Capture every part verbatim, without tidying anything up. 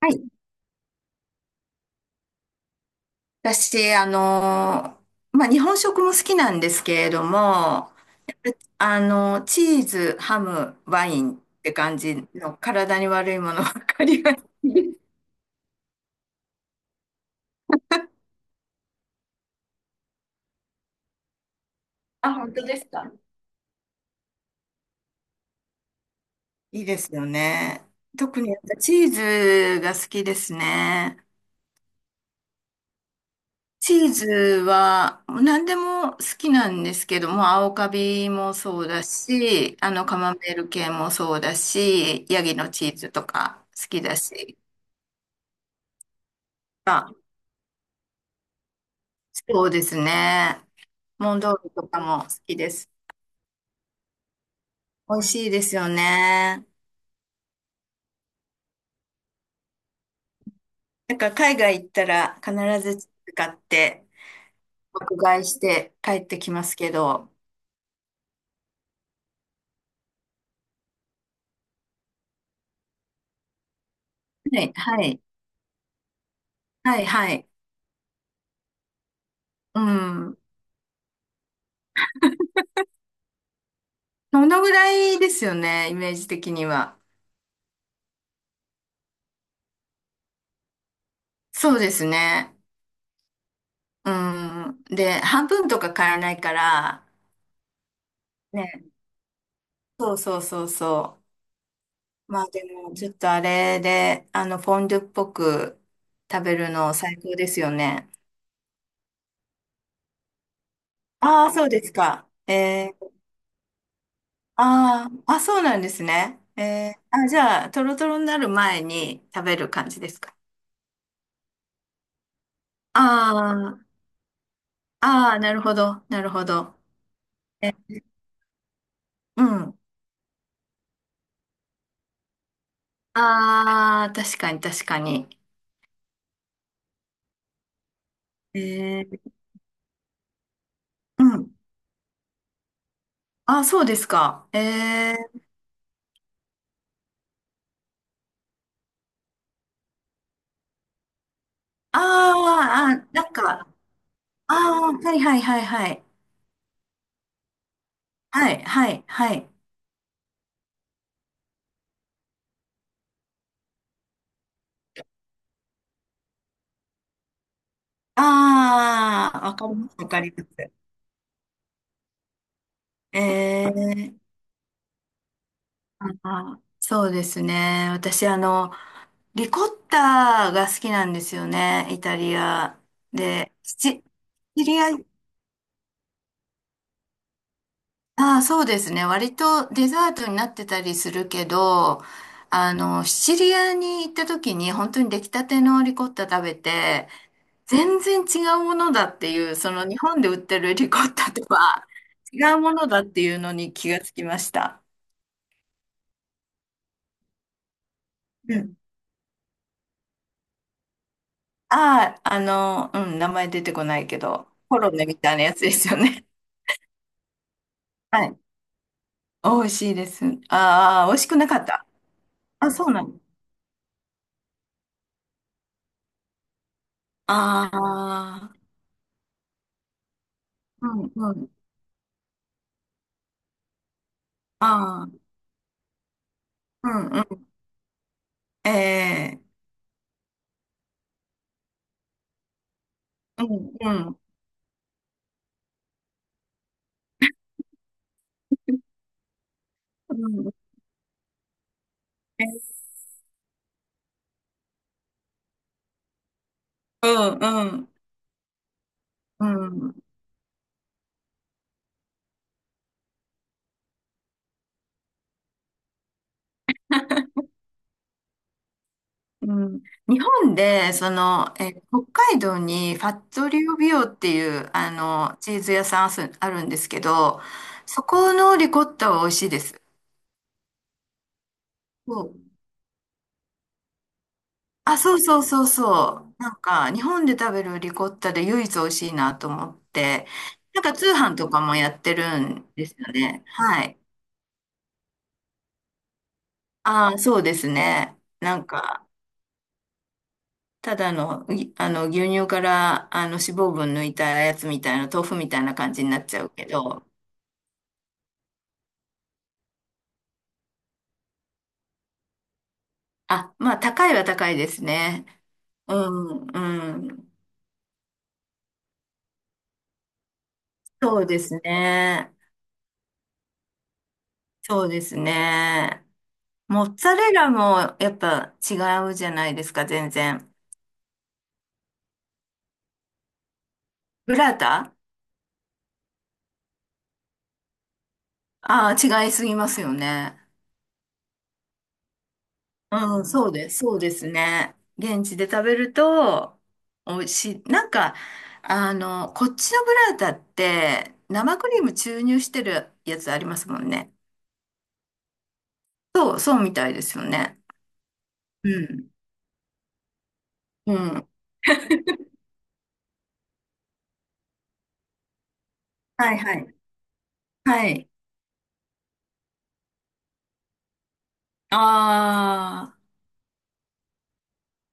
はい。私、あのー、まあ、日本食も好きなんですけれども、やっぱあのー、チーズ、ハム、ワインって感じの体に悪いものばっかりがあ、本当ですか。いいですよね。特にやっぱチーズが好きですね。チーズは何でも好きなんですけども、青カビもそうだし、あのカマンベール系もそうだし、ヤギのチーズとか好きだし。そうですね。モンドールとかも好きです。美味しいですよね。なんか海外行ったら必ず使って、爆買いして帰ってきますけど。はい、はい、はい、はい。うん。そのぐらいですよね、イメージ的には。そうですね。うん。で、半分とか買えないから、ね。そうそうそうそう。まあでも、ちょっとあれで、あの、フォンデュっぽく食べるの最高ですよね。ああ、そうですか。えー、あーあ、そうなんですね。えー、あ、じゃあ、トロトロになる前に食べる感じですか。ああ、ああ、なるほど、なるほど。えー、うん。ああ、確かに、確かに。えー、うん。あ、そうですか。えー、ああ、あ、なんか、ああ、はいはいはいはい。はい、はい、はい。ああ、わかります、わかります。えーあーそうですね。私、あの、リコッタが好きなんですよね、イタリア。で、シチシチリア、ああ、そうですね。割とデザートになってたりするけど、あの、シチリアに行った時に本当に出来たてのリコッタ食べて、全然違うものだっていう、その日本で売ってるリコッタとは違うものだっていうのに気がつきました。うんああ、あの、うん、名前出てこないけど、コロネみたいなやつですよね。はい。美味しいです。ああ、美味しくなかった。あ、そうなの。ああ、うんうん。ああ、うんうん。ええうんうん。うんえーうんうんうん。うん、日本で、その、え、北海道にファットリオビオっていう、あの、チーズ屋さんあすあるんですけど、そこのリコッタは美味しいです。そうあ、そうそうそうそう。なんか、日本で食べるリコッタで唯一美味しいなと思って、なんか通販とかもやってるんですよね。はい。ああ、そうですね。なんか、ただの、ぎあの、牛乳から、あの、脂肪分抜いたやつみたいな、豆腐みたいな感じになっちゃうけど、あ、まあ、高いは高いですね。うん、うん。そうですね。そうですね。モッツァレラもやっぱ違うじゃないですか、全然。ブラータああー、違いすぎますよね。うん、そうです。そうですね。現地で食べると、美味しい。なんか、あの、こっちのブラータって、生クリーム注入してるやつありますもんね。そう、そうみたいですよね。うん。うん。はいはい。はい。あ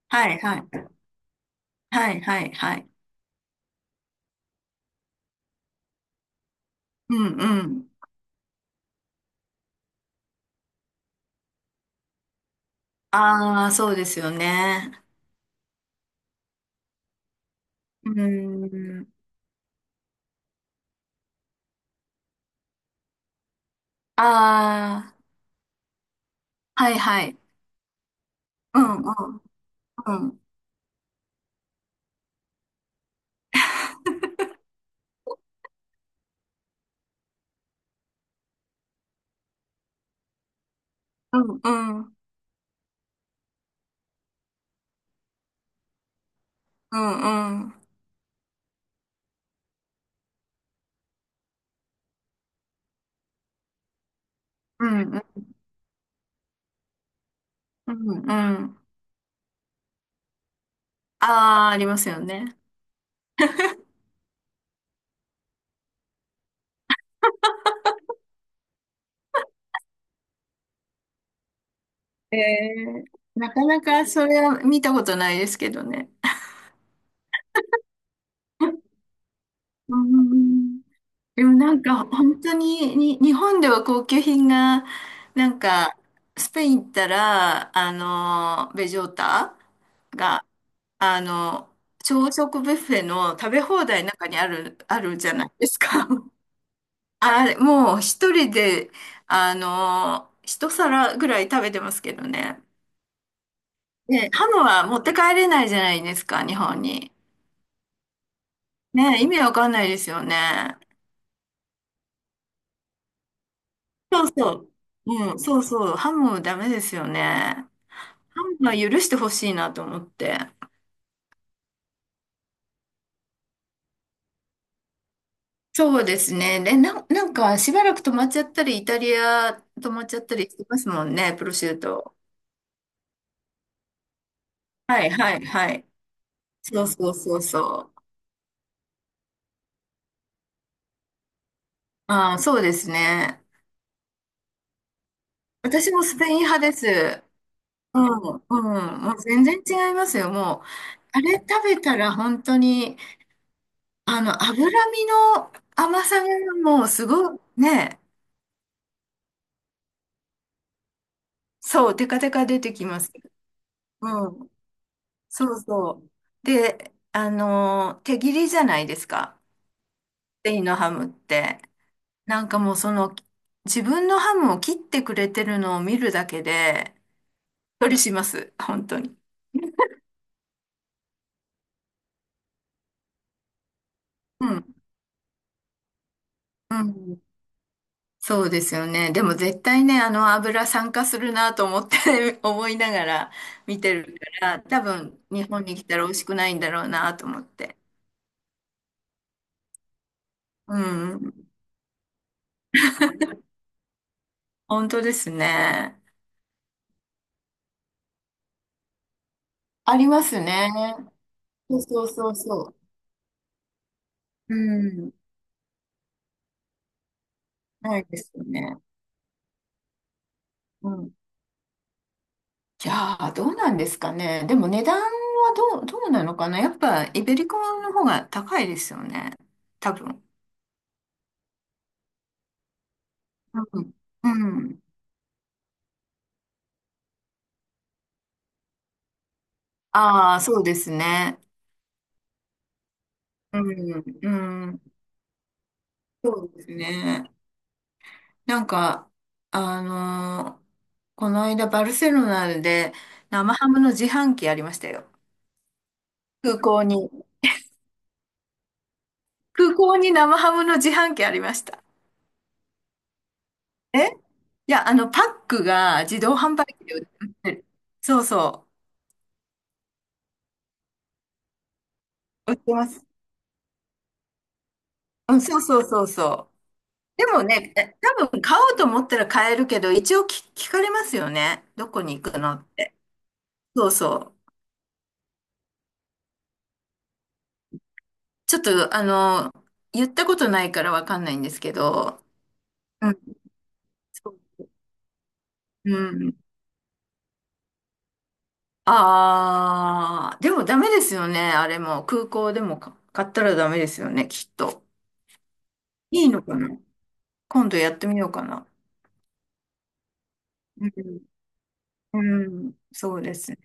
あ、はいはい。はいはいはい。うんうん。ああ、そうですよね。うん。ああ、はいはい。うんうんうん、うん、うん、うん、うん、うん、うん、うん。ああー、ありますよね。えー、なかなかそれは見たことないですけどね。うん、でもなんか本当に、に、日本では高級品が、なんか、スペイン行ったら、あの、ベジョータが、あの、朝食ビュッフェの食べ放題の中にある、あるじゃないですか。あれ、もう一人で、あの一皿ぐらい食べてますけどね。ね、ハムは持って帰れないじゃないですか、日本に。ね、意味わかんないですよね。そうそう。うん、そうそう。ハムダメですよね。ハムは許してほしいなと思って。そうですね。で、な、なんかしばらく止まっちゃったり、イタリア止まっちゃったりしてますもんね、プロシュート。はいはいはい。そうそうそうそう。ああ、そうですね。私もスペイン派です。うん、うん、もう全然違いますよ。もう、あれ食べたら本当に、あの、脂身の甘さがもうすごい、ね、そう、テカテカ出てきます。うん、そうそう。で、あの、手切りじゃないですか。スペインのハムって。なんかもうその、自分のハムを切ってくれてるのを見るだけで、りします。本当に。うん、うん。そうですよね。でも絶対ね、あの油酸化するなと思って 思いながら見てるから、多分日本に来たら美味しくないんだろうなと思って。うん。本当ですね。ありますね。そうそうそうそう。うん。ないですよね。うん。じゃあ、どうなんですかね。でも値段はどう、どうなのかな。やっぱイベリコの方が高いですよね。多分。うん。うん。ああ、そうですね。うん、うんそうですね。なんか、あのーこの間バルセロナで生ハムの自販機ありましたよ。空港に。空港に生ハムの自販機ありました。えいや、あの、パックが自動販売機で売ってる。そうそう。売ってます。うん、そうそうそうそう。でもね、え多分買おうと思ったら買えるけど、一応き聞かれますよね。どこに行くのって。そうそう。ちょっと、あの、言ったことないからわかんないんですけど、うんうん。ああ、でもダメですよね。あれも、空港でもか買ったらダメですよね、きっと。いいのかな今度やってみようかな。うん。うん、そうですね。